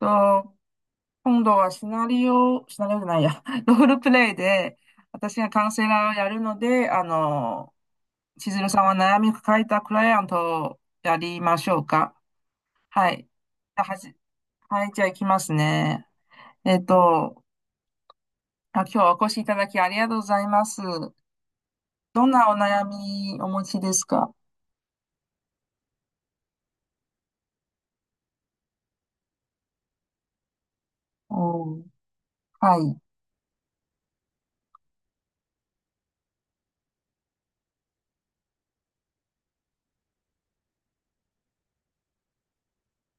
と、今度はシナリオ、シナリオじゃないや、ロールプレイで、私がカウンセラーをやるので、千鶴さんは悩みを抱えたクライアントをやりましょうか。はい。はじ、はい、じゃあ行きますね。えっと、あ、今日はお越しいただきありがとうございます。どんなお悩みお持ちですか？おー、はい。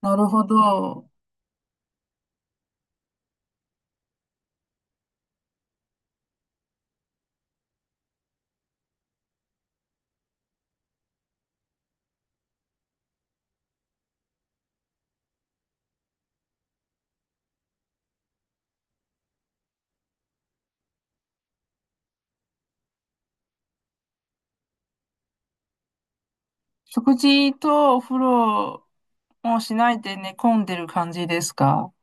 なるほど。食事とお風呂もしないで寝込んでる感じですか？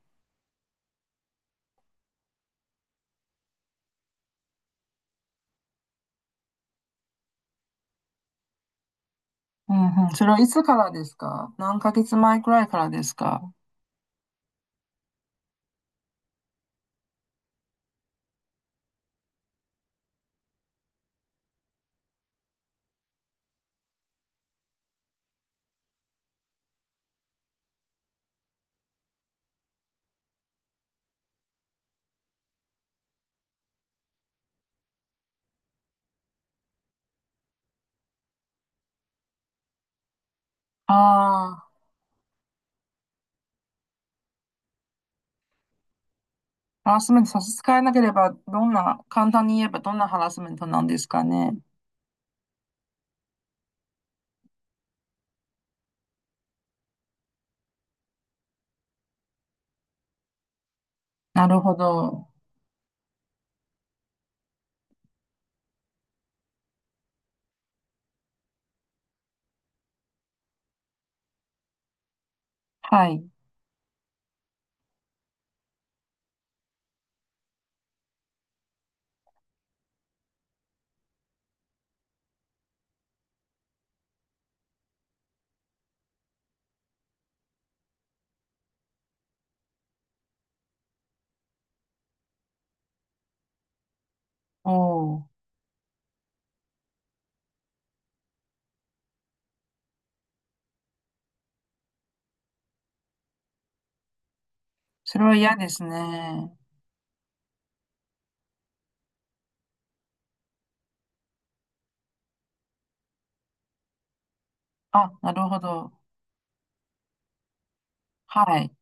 うんうん。それはいつからですか？何ヶ月前くらいからですか？ああ、ハラスメント差し支えなければ、どんな、簡単に言えばどんなハラスメントなんですかね。なるほど。はい。お、お、それは嫌ですね。あ、なるほど。はい。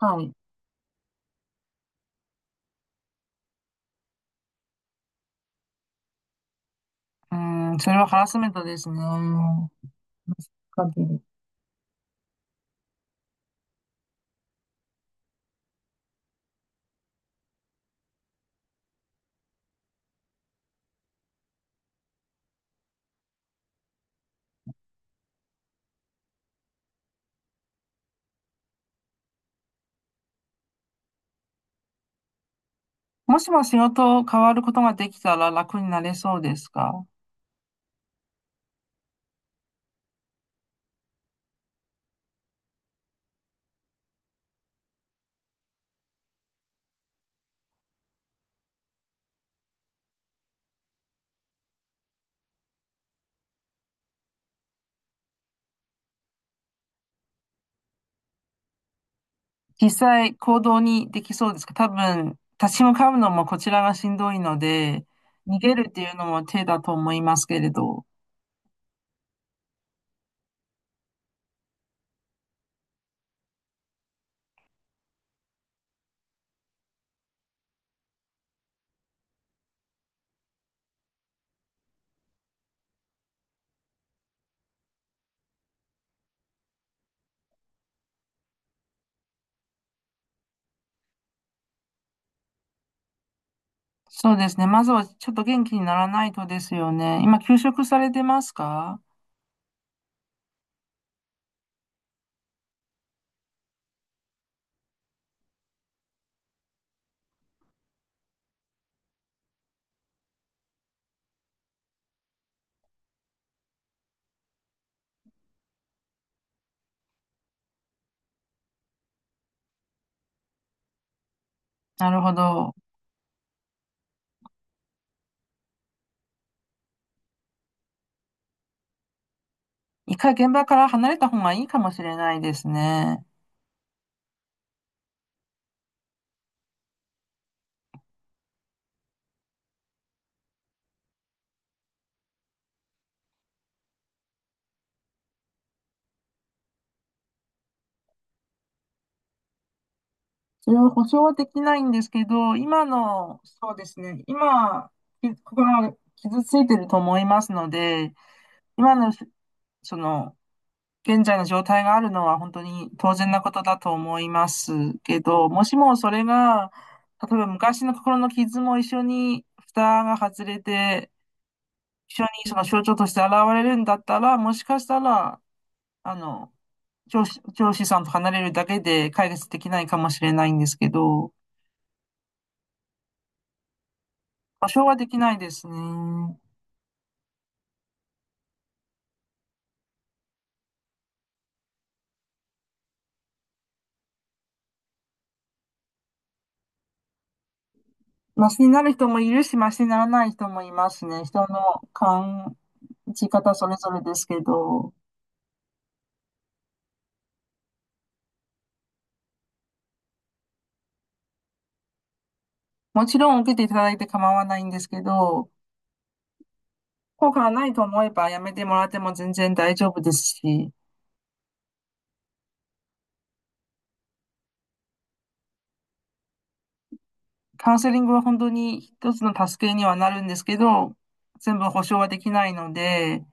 はい。うん、それはハラスメントですね。確かに。もしも仕事を変わることができたら楽になれそうですか？実際行動にできそうですか？多分、立ち向かうのもこちらがしんどいので、逃げるっていうのも手だと思いますけれど。そうですね。まずはちょっと元気にならないとですよね。今、休職されてますか？なるほど。一回現場から離れた方がいいかもしれないですね。それは保証はできないんですけど、今の、そうですね。今、き心が傷ついてると思いますので、今の、その、現在の状態があるのは本当に当然なことだと思いますけど、もしもそれが、例えば昔の心の傷も一緒に蓋が外れて、一緒にその象徴として現れるんだったら、もしかしたら、あの、上司さんと離れるだけで解決できないかもしれないんですけど、保証はできないですね。マシになる人もいるし、マシにならない人もいますね。人の感じ方それぞれですけど。もちろん受けていただいて構わないんですけど、効果がないと思えばやめてもらっても全然大丈夫ですし、カウンセリングは本当に一つの助けにはなるんですけど、全部保証はできないので、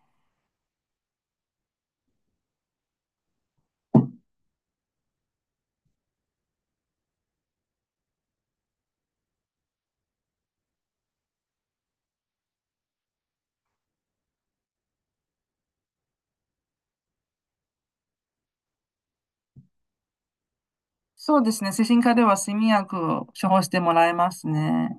そうですね、精神科では睡眠薬を処方してもらえますね。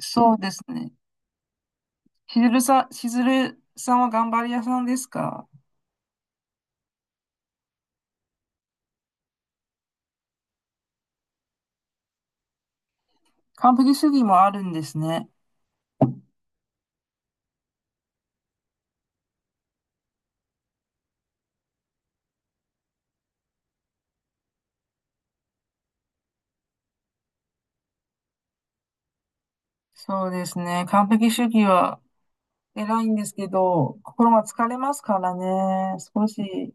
そうですね。しずるさんは頑張り屋さんですか？完璧主義もあるんですね。そうですね。完璧主義は偉いんですけど、心が疲れますからね。少し、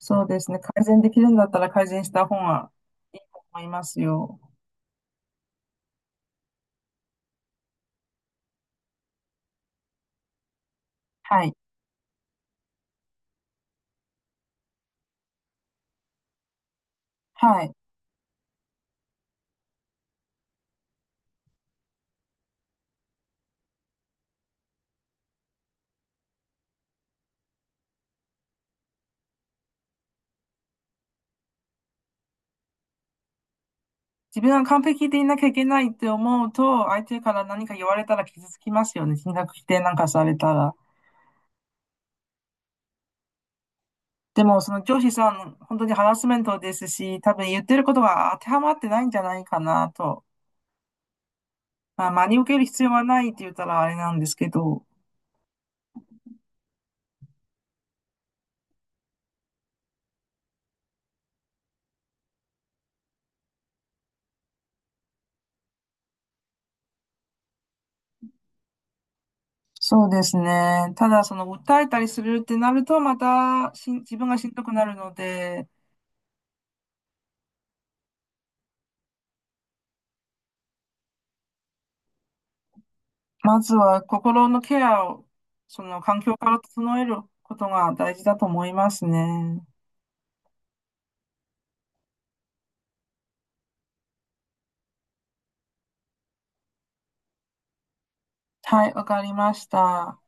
そうですね。改善できるんだったら改善した方がいいと思いますよ。はい。はい。自分は完璧でいなきゃいけないって思うと、相手から何か言われたら傷つきますよね。人格否定なんかされたら。でも、その上司さん、本当にハラスメントですし、多分言ってることが当てはまってないんじゃないかなと。まあ、真に受ける必要はないって言ったらあれなんですけど。そうですね。ただ、その、訴えたりするってなると、またしん、自分がしんどくなるので、まずは心のケアを、その環境から整えることが大事だと思いますね。はい、わかりました。